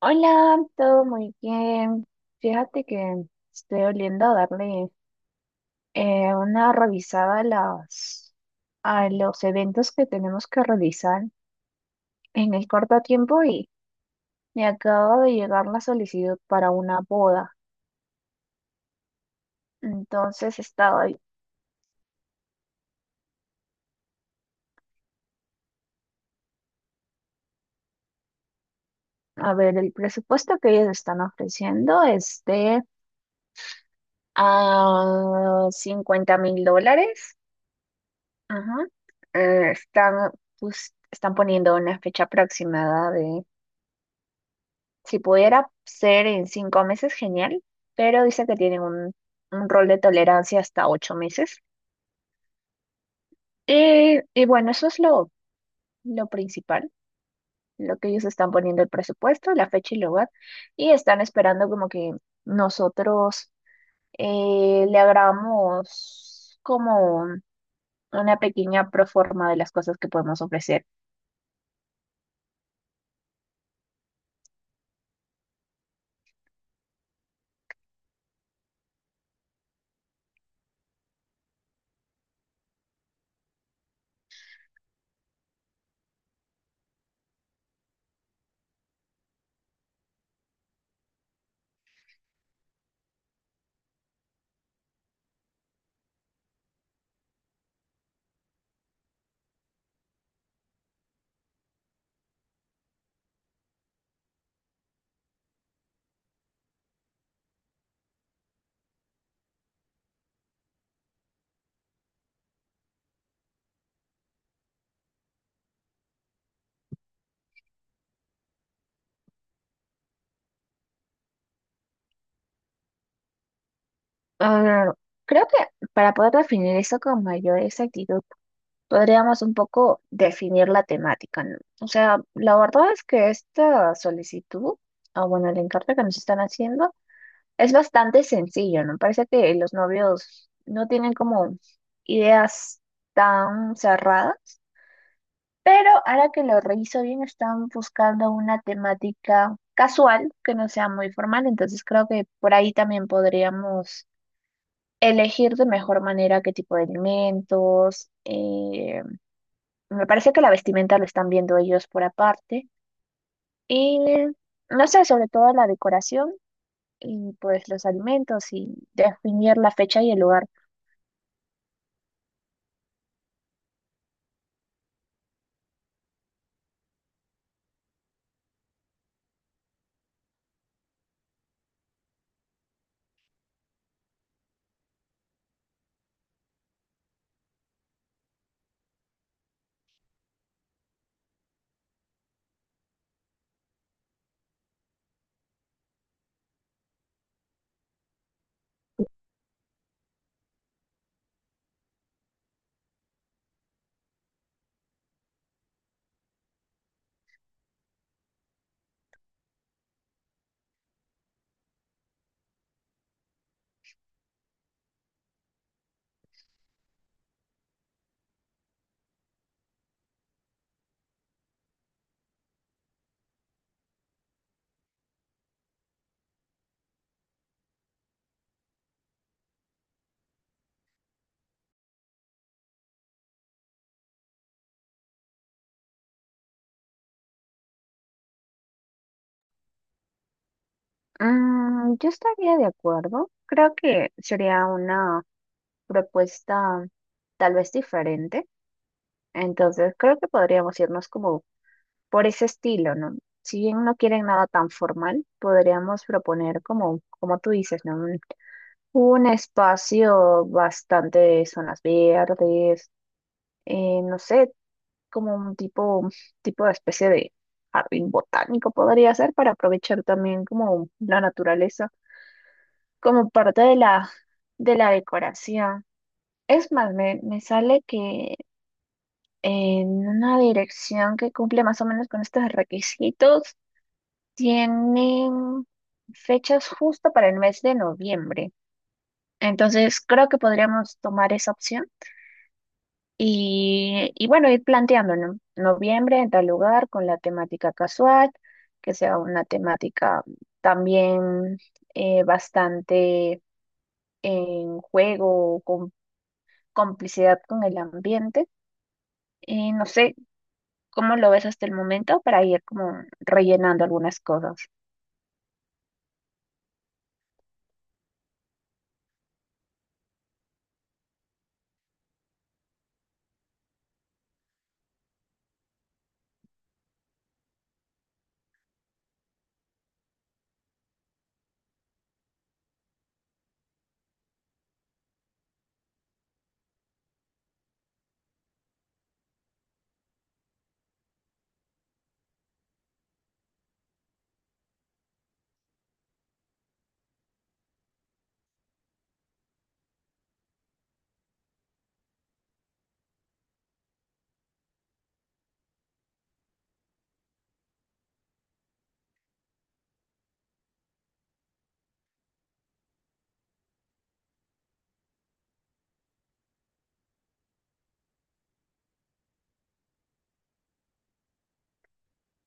Hola, todo muy bien. Fíjate que estoy oliendo a darle una revisada a los eventos que tenemos que realizar en el corto tiempo y me acaba de llegar la solicitud para una boda. Entonces estaba a ver, el presupuesto que ellos están ofreciendo es de a $50,000. Ajá. Están, pues, están poniendo una fecha aproximada de. Si pudiera ser en 5 meses, genial, pero dice que tienen un rol de tolerancia hasta 8 meses. Y bueno, eso es lo principal, lo que ellos están poniendo: el presupuesto, la fecha y lugar, y están esperando como que nosotros le hagamos como una pequeña proforma de las cosas que podemos ofrecer. Ah, creo que para poder definir eso con mayor exactitud, podríamos un poco definir la temática, ¿no? O sea, la verdad es que esta solicitud, o bueno, el encargo que nos están haciendo, es bastante sencillo, ¿no? Parece que los novios no tienen como ideas tan cerradas, pero ahora que lo reviso bien, están buscando una temática casual que no sea muy formal, entonces creo que por ahí también podríamos elegir de mejor manera qué tipo de alimentos. Me parece que la vestimenta lo están viendo ellos por aparte. Y no sé, sobre todo la decoración y pues los alimentos, y definir la fecha y el lugar. Mm, yo estaría de acuerdo. Creo que sería una propuesta tal vez diferente. Entonces, creo que podríamos irnos como por ese estilo, ¿no? Si bien no quieren nada tan formal, podríamos proponer como, como tú dices, ¿no? Un espacio bastante de zonas verdes, no sé, como un tipo, tipo de especie de jardín botánico podría ser, para aprovechar también como la naturaleza, como parte de la decoración. Es más, me sale que en una dirección que cumple más o menos con estos requisitos, tienen fechas justo para el mes de noviembre. Entonces, creo que podríamos tomar esa opción. Y bueno, ir planteando, ¿no? Noviembre en tal lugar con la temática casual, que sea una temática también bastante en juego, con complicidad con el ambiente. Y no sé cómo lo ves hasta el momento, para ir como rellenando algunas cosas.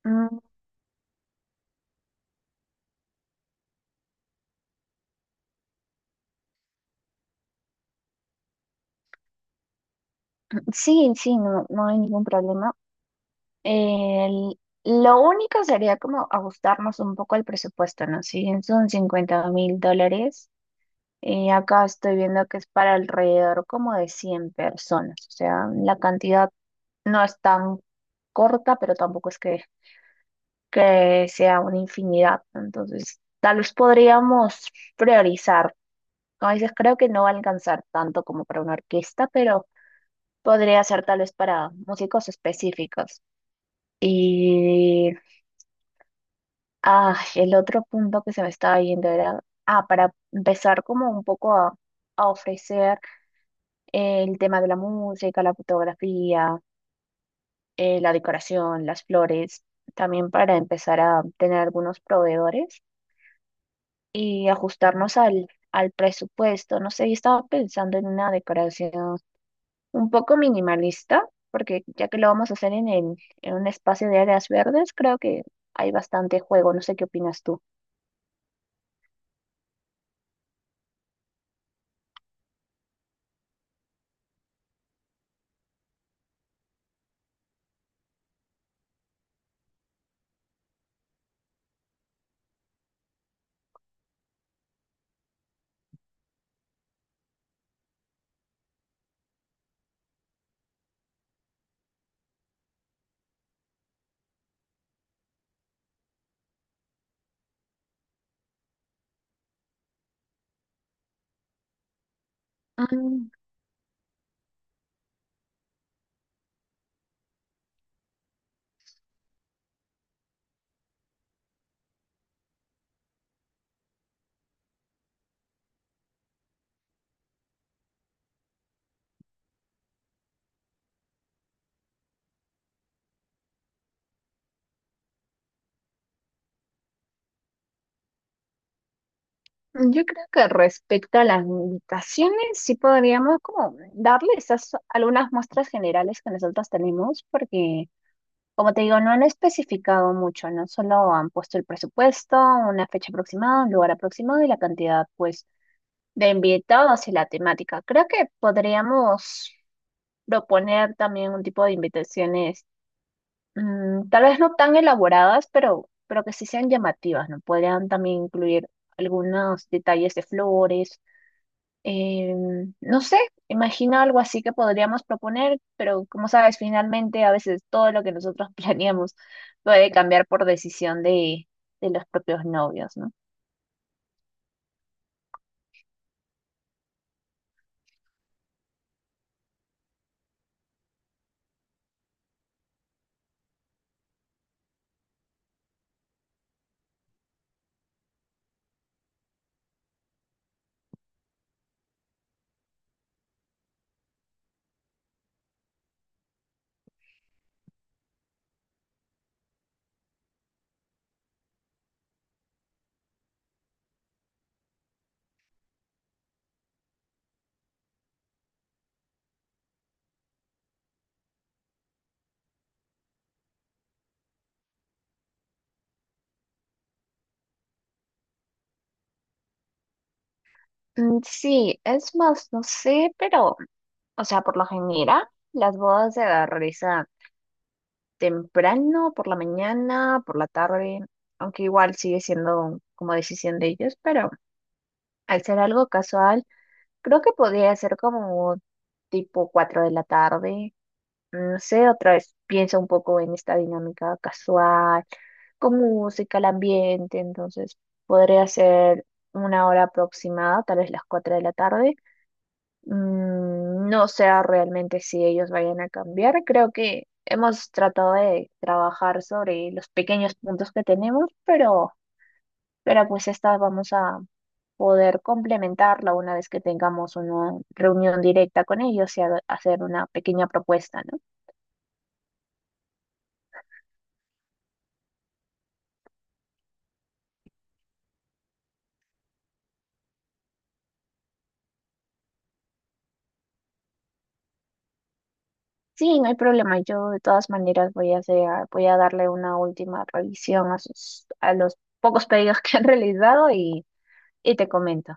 Mm, sí, sí, no, no hay ningún problema. El- lo único sería como ajustarnos un poco al presupuesto, ¿no? Si bien son $50,000. Acá estoy viendo que es para alrededor como de 100 personas, o sea, la cantidad no es tan corta, pero tampoco es que sea una infinidad. Entonces, tal vez podríamos priorizar. Como dices, creo que no va a alcanzar tanto como para una orquesta, pero podría ser tal vez para músicos específicos. Y el otro punto que se me estaba yendo era, para empezar como un poco a ofrecer. El tema de la música, la fotografía, la decoración, las flores, también para empezar a tener algunos proveedores y ajustarnos al presupuesto. No sé, yo estaba pensando en una decoración un poco minimalista, porque ya que lo vamos a hacer en un espacio de áreas verdes, creo que hay bastante juego. No sé qué opinas tú. Mm, yo creo que respecto a las invitaciones, sí podríamos como darle esas algunas muestras generales que nosotros tenemos, porque como te digo, no han especificado mucho, ¿no? Solo han puesto el presupuesto, una fecha aproximada, un lugar aproximado y la cantidad, pues, de invitados y la temática. Creo que podríamos proponer también un tipo de invitaciones, tal vez no tan elaboradas, pero que sí sean llamativas, ¿no? Podrían también incluir algunos detalles de flores. No sé, imagino algo así que podríamos proponer, pero como sabes, finalmente a veces todo lo que nosotros planeamos puede cambiar por decisión de los propios novios, ¿no? Mm, sí, es más, no sé, pero, o sea, por lo general, las bodas se realizan temprano, por la mañana, por la tarde, aunque igual sigue siendo como decisión de ellos, pero al ser algo casual, creo que podría ser como tipo 4 de la tarde. No sé, otra vez piensa un poco en esta dinámica casual, con música, el ambiente, entonces podría ser una hora aproximada, tal vez las 4 de la tarde. Mm, no sé realmente si ellos vayan a cambiar, creo que hemos tratado de trabajar sobre los pequeños puntos que tenemos, pero pues esta vamos a poder complementarla una vez que tengamos una reunión directa con ellos y hacer una pequeña propuesta, ¿no? Sí, no hay problema. Yo de todas maneras voy a hacer, voy a darle una última revisión a a los pocos pedidos que han realizado y te comento.